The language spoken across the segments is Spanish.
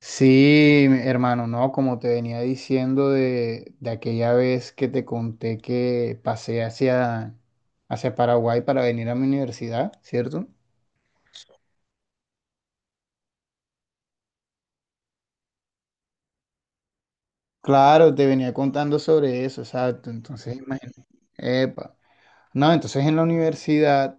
Sí, hermano, no, como te venía diciendo de aquella vez que te conté que pasé hacia Paraguay para venir a mi universidad, ¿cierto? Claro, te venía contando sobre eso, exacto. Entonces, imagínate. No, entonces en la universidad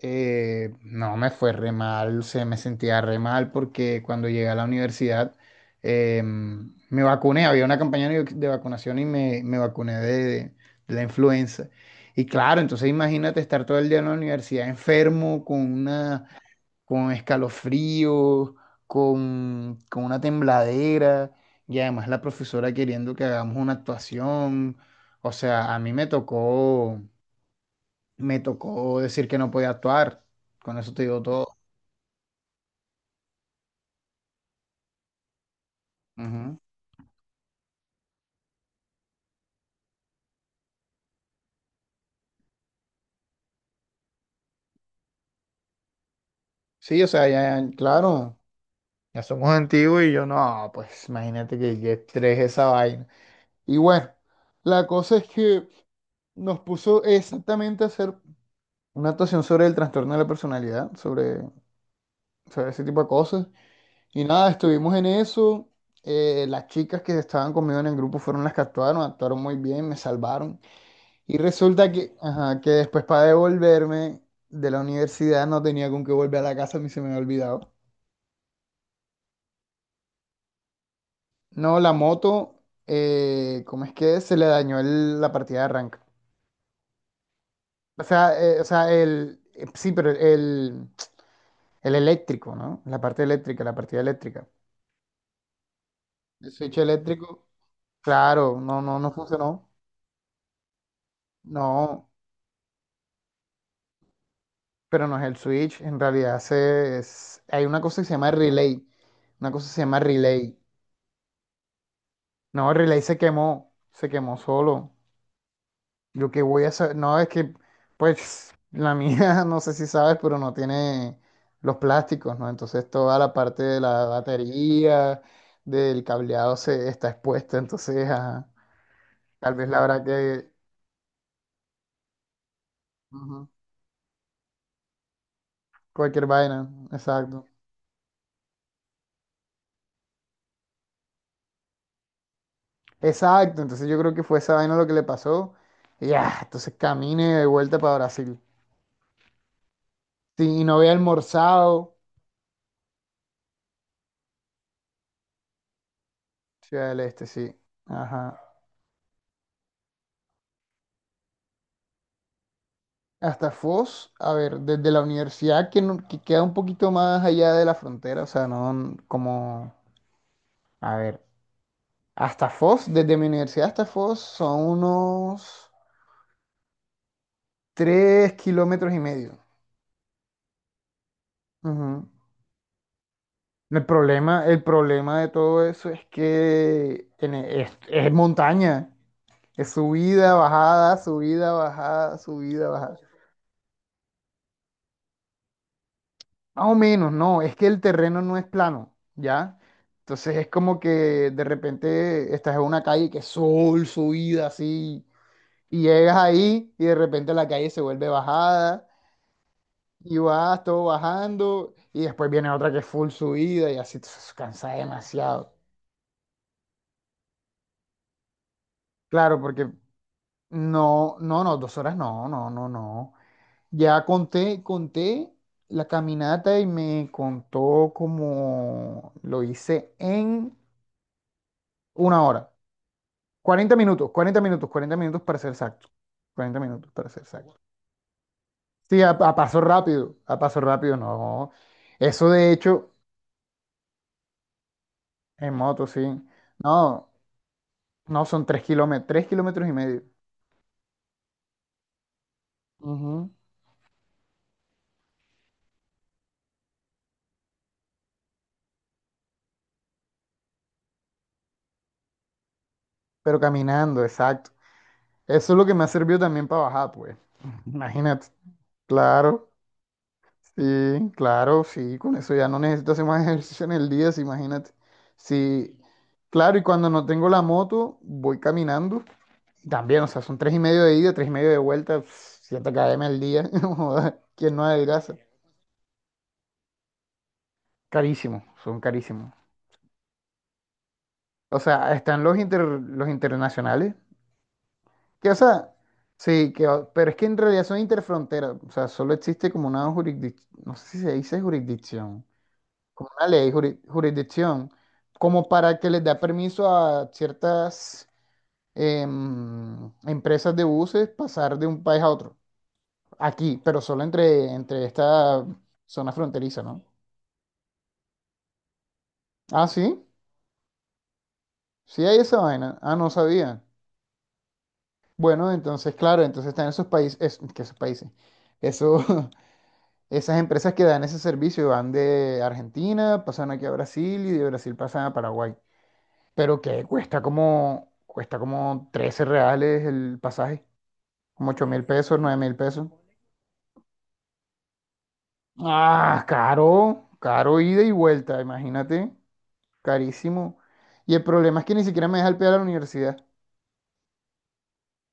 no me fue re mal, se me sentía re mal porque cuando llegué a la universidad me vacuné, había una campaña de vacunación y me vacuné de la influenza. Y claro, entonces imagínate estar todo el día en la universidad enfermo, con escalofrío, con una tembladera y además la profesora queriendo que hagamos una actuación. O sea, a mí me tocó decir que no podía actuar. Con eso te digo todo. Ujú. Sí, o sea, ya, ya, claro, ya somos antiguos y yo no, pues imagínate que estrés esa vaina. Y bueno, la cosa es que nos puso exactamente a hacer una actuación sobre el trastorno de la personalidad, sobre ese tipo de cosas. Y nada, estuvimos en eso. Las chicas que estaban conmigo en el grupo fueron las que actuaron muy bien, me salvaron. Y resulta que, ajá, que después para devolverme de la universidad no tenía con qué volver a la casa, a mí se me había olvidado. No, la moto, ¿cómo es que es? Se le dañó la partida de arranque. O sea, sí, pero el eléctrico, ¿no? La parte eléctrica, la partida eléctrica. El switch eléctrico, claro, no, no, no funcionó. No, pero no es el switch, en realidad hay una cosa que se llama relay. No, el relay se quemó solo. Yo qué voy a hacer, no, es que, pues, la mía, no sé si sabes, pero no tiene los plásticos, ¿no? Entonces toda la parte de la batería, del cableado se está expuesta, entonces, ajá, tal vez la habrá que... ujú, cualquier vaina, exacto. Exacto, entonces yo creo que fue esa vaina lo que le pasó. Y ya, entonces camine de vuelta para Brasil. Sí, y no había almorzado. Ciudad del Este, sí. Ajá. Hasta Foz, a ver, desde la universidad que, que queda un poquito más allá de la frontera, o sea, no n- como, a ver, hasta Foz, desde mi universidad hasta Foz son unos 3,5 km. Ujú. El problema de todo eso es que es montaña, es subida, bajada, subida, bajada, subida, bajada. Más o menos, no, es que el terreno no es plano, ¿ya? Entonces es como que de repente estás en una calle que es subida, así, y llegas ahí y de repente la calle se vuelve bajada y vas todo bajando y después viene otra que es full subida y así, entonces cansa demasiado. Claro, porque no, no, no, dos horas no, no, no, no. Ya conté la caminata y me contó como lo hice en una hora. 40 minutos, 40 minutos, 40 minutos para ser exacto. 40 minutos para ser exacto. Sí, a paso rápido, no. Eso de hecho, en moto, sí. No, no son 3 km, 3,5 km. Ujú. Pero caminando, exacto. Eso es lo que me ha servido también para bajar, pues. Imagínate. Claro, sí, claro, sí. Con eso ya no necesito hacer más ejercicio en el día, sí, imagínate. Sí, claro, y cuando no tengo la moto, voy caminando. También, o sea, son tres y medio de ida, tres y medio de vuelta, pf, 7 km al día. Joda, ¿quién no adelgaza? Carísimo, son carísimos. O sea, están los, los internacionales, que, o sea, sí, que, pero es que en realidad son interfronteras. O sea, solo existe como una jurisdicción, no sé si se dice jurisdicción, como una ley, jurisdicción, como para que les da permiso a ciertas empresas de buses pasar de un país a otro. Aquí, pero solo entre esta zona fronteriza, ¿no? Ah, sí, sí hay esa vaina. Ah, no sabía. Bueno, entonces, claro, entonces están esos países, es, que esos países, eso, esas empresas que dan ese servicio van de Argentina, pasan aquí a Brasil y de Brasil pasan a Paraguay. Pero que cuesta como 13 reales el pasaje, como 8.000 pesos, 9.000 pesos. Ah, caro, caro ida y vuelta, imagínate. Carísimo. Y el problema es que ni siquiera me deja el pie a la universidad.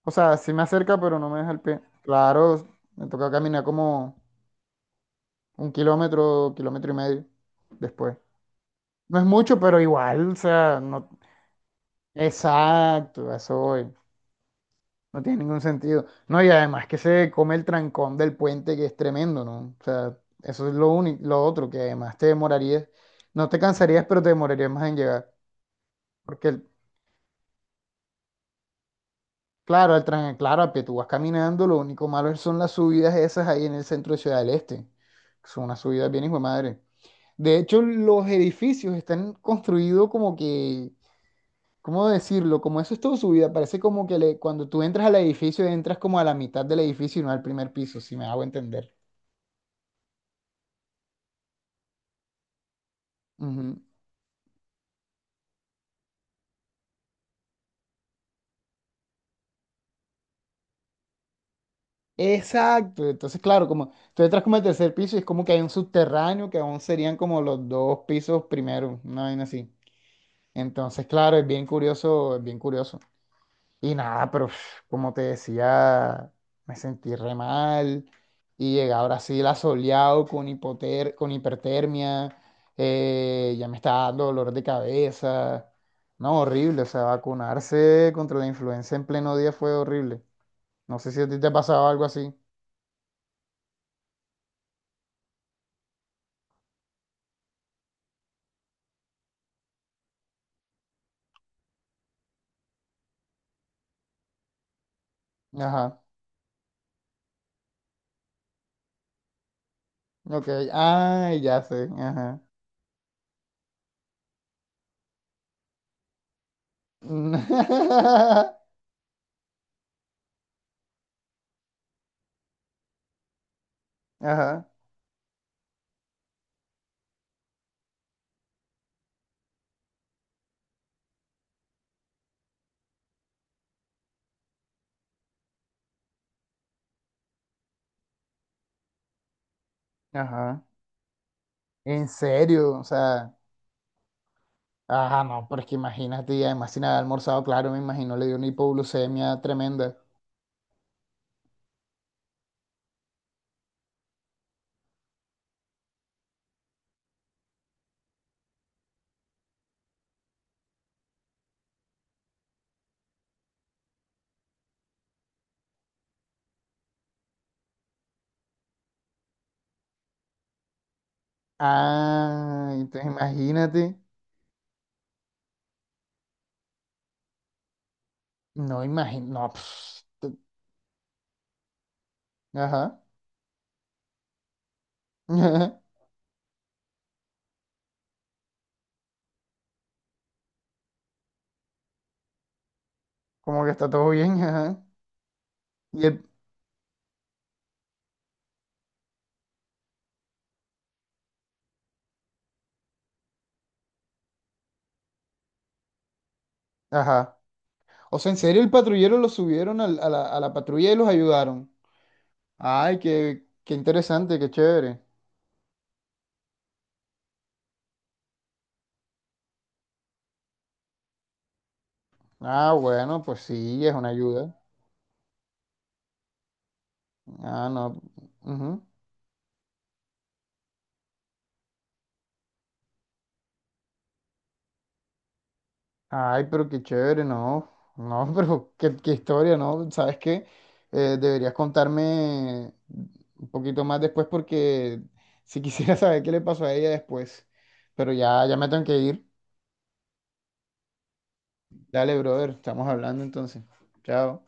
O sea, sí me acerca, pero no me deja el pie. Claro, me toca caminar como un kilómetro, kilómetro y medio después. No es mucho, pero igual, o sea, no. Exacto, a eso voy. No tiene ningún sentido. No, y además que se come el trancón del puente, que es tremendo, ¿no? O sea, eso es lo único, lo otro, que además te demorarías, no te cansarías, pero te demorarías más en llegar. Porque el- Claro, el tren, claro, que tú vas caminando, lo único malo son las subidas esas ahí en el centro de Ciudad del Este. Que son unas subidas bien hijo de madre. De hecho, los edificios están construidos como que, ¿cómo decirlo? Como eso es todo subida. Parece como que cuando tú entras al edificio, entras como a la mitad del edificio y no al primer piso, si me hago entender. Ujú. Exacto. Entonces, claro, como tú entras como al tercer piso y es como que hay un subterráneo que aún serían como los dos pisos primero, una vaina así. Entonces, claro, es bien curioso, es bien curioso. Y nada, pero pf, como te decía, me sentí re mal y llegué a Brasil asoleado con con hipertermia, ya me estaba dando dolor de cabeza. No, horrible, o sea, vacunarse contra la influenza en pleno día fue horrible. No sé si a ti te ha pasado algo así. Ajá, ok, ay, ya sé, ajá. Ajá, ajá. En serio, o sea. Ah, no, pero es que imagínate, y además sin haber almorzado, claro, me imagino, le dio una hipoglucemia tremenda. Ah, entonces imagínate. No, imagino, no, pss, ajá, ajá, como que está todo bien, ajá. Y el, ajá. O sea, en serio, el patrullero lo subieron a la patrulla y los ayudaron. Ay, qué interesante, qué chévere. Ah, bueno, pues sí, es una ayuda. Ah, no. Ujú. Ay, pero qué chévere, ¿no? No, pero qué historia, ¿no? ¿Sabes qué? Deberías contarme un poquito más después porque si quisiera saber qué le pasó a ella después. Pero ya, ya me tengo que ir. Dale, brother, estamos hablando entonces. Chao.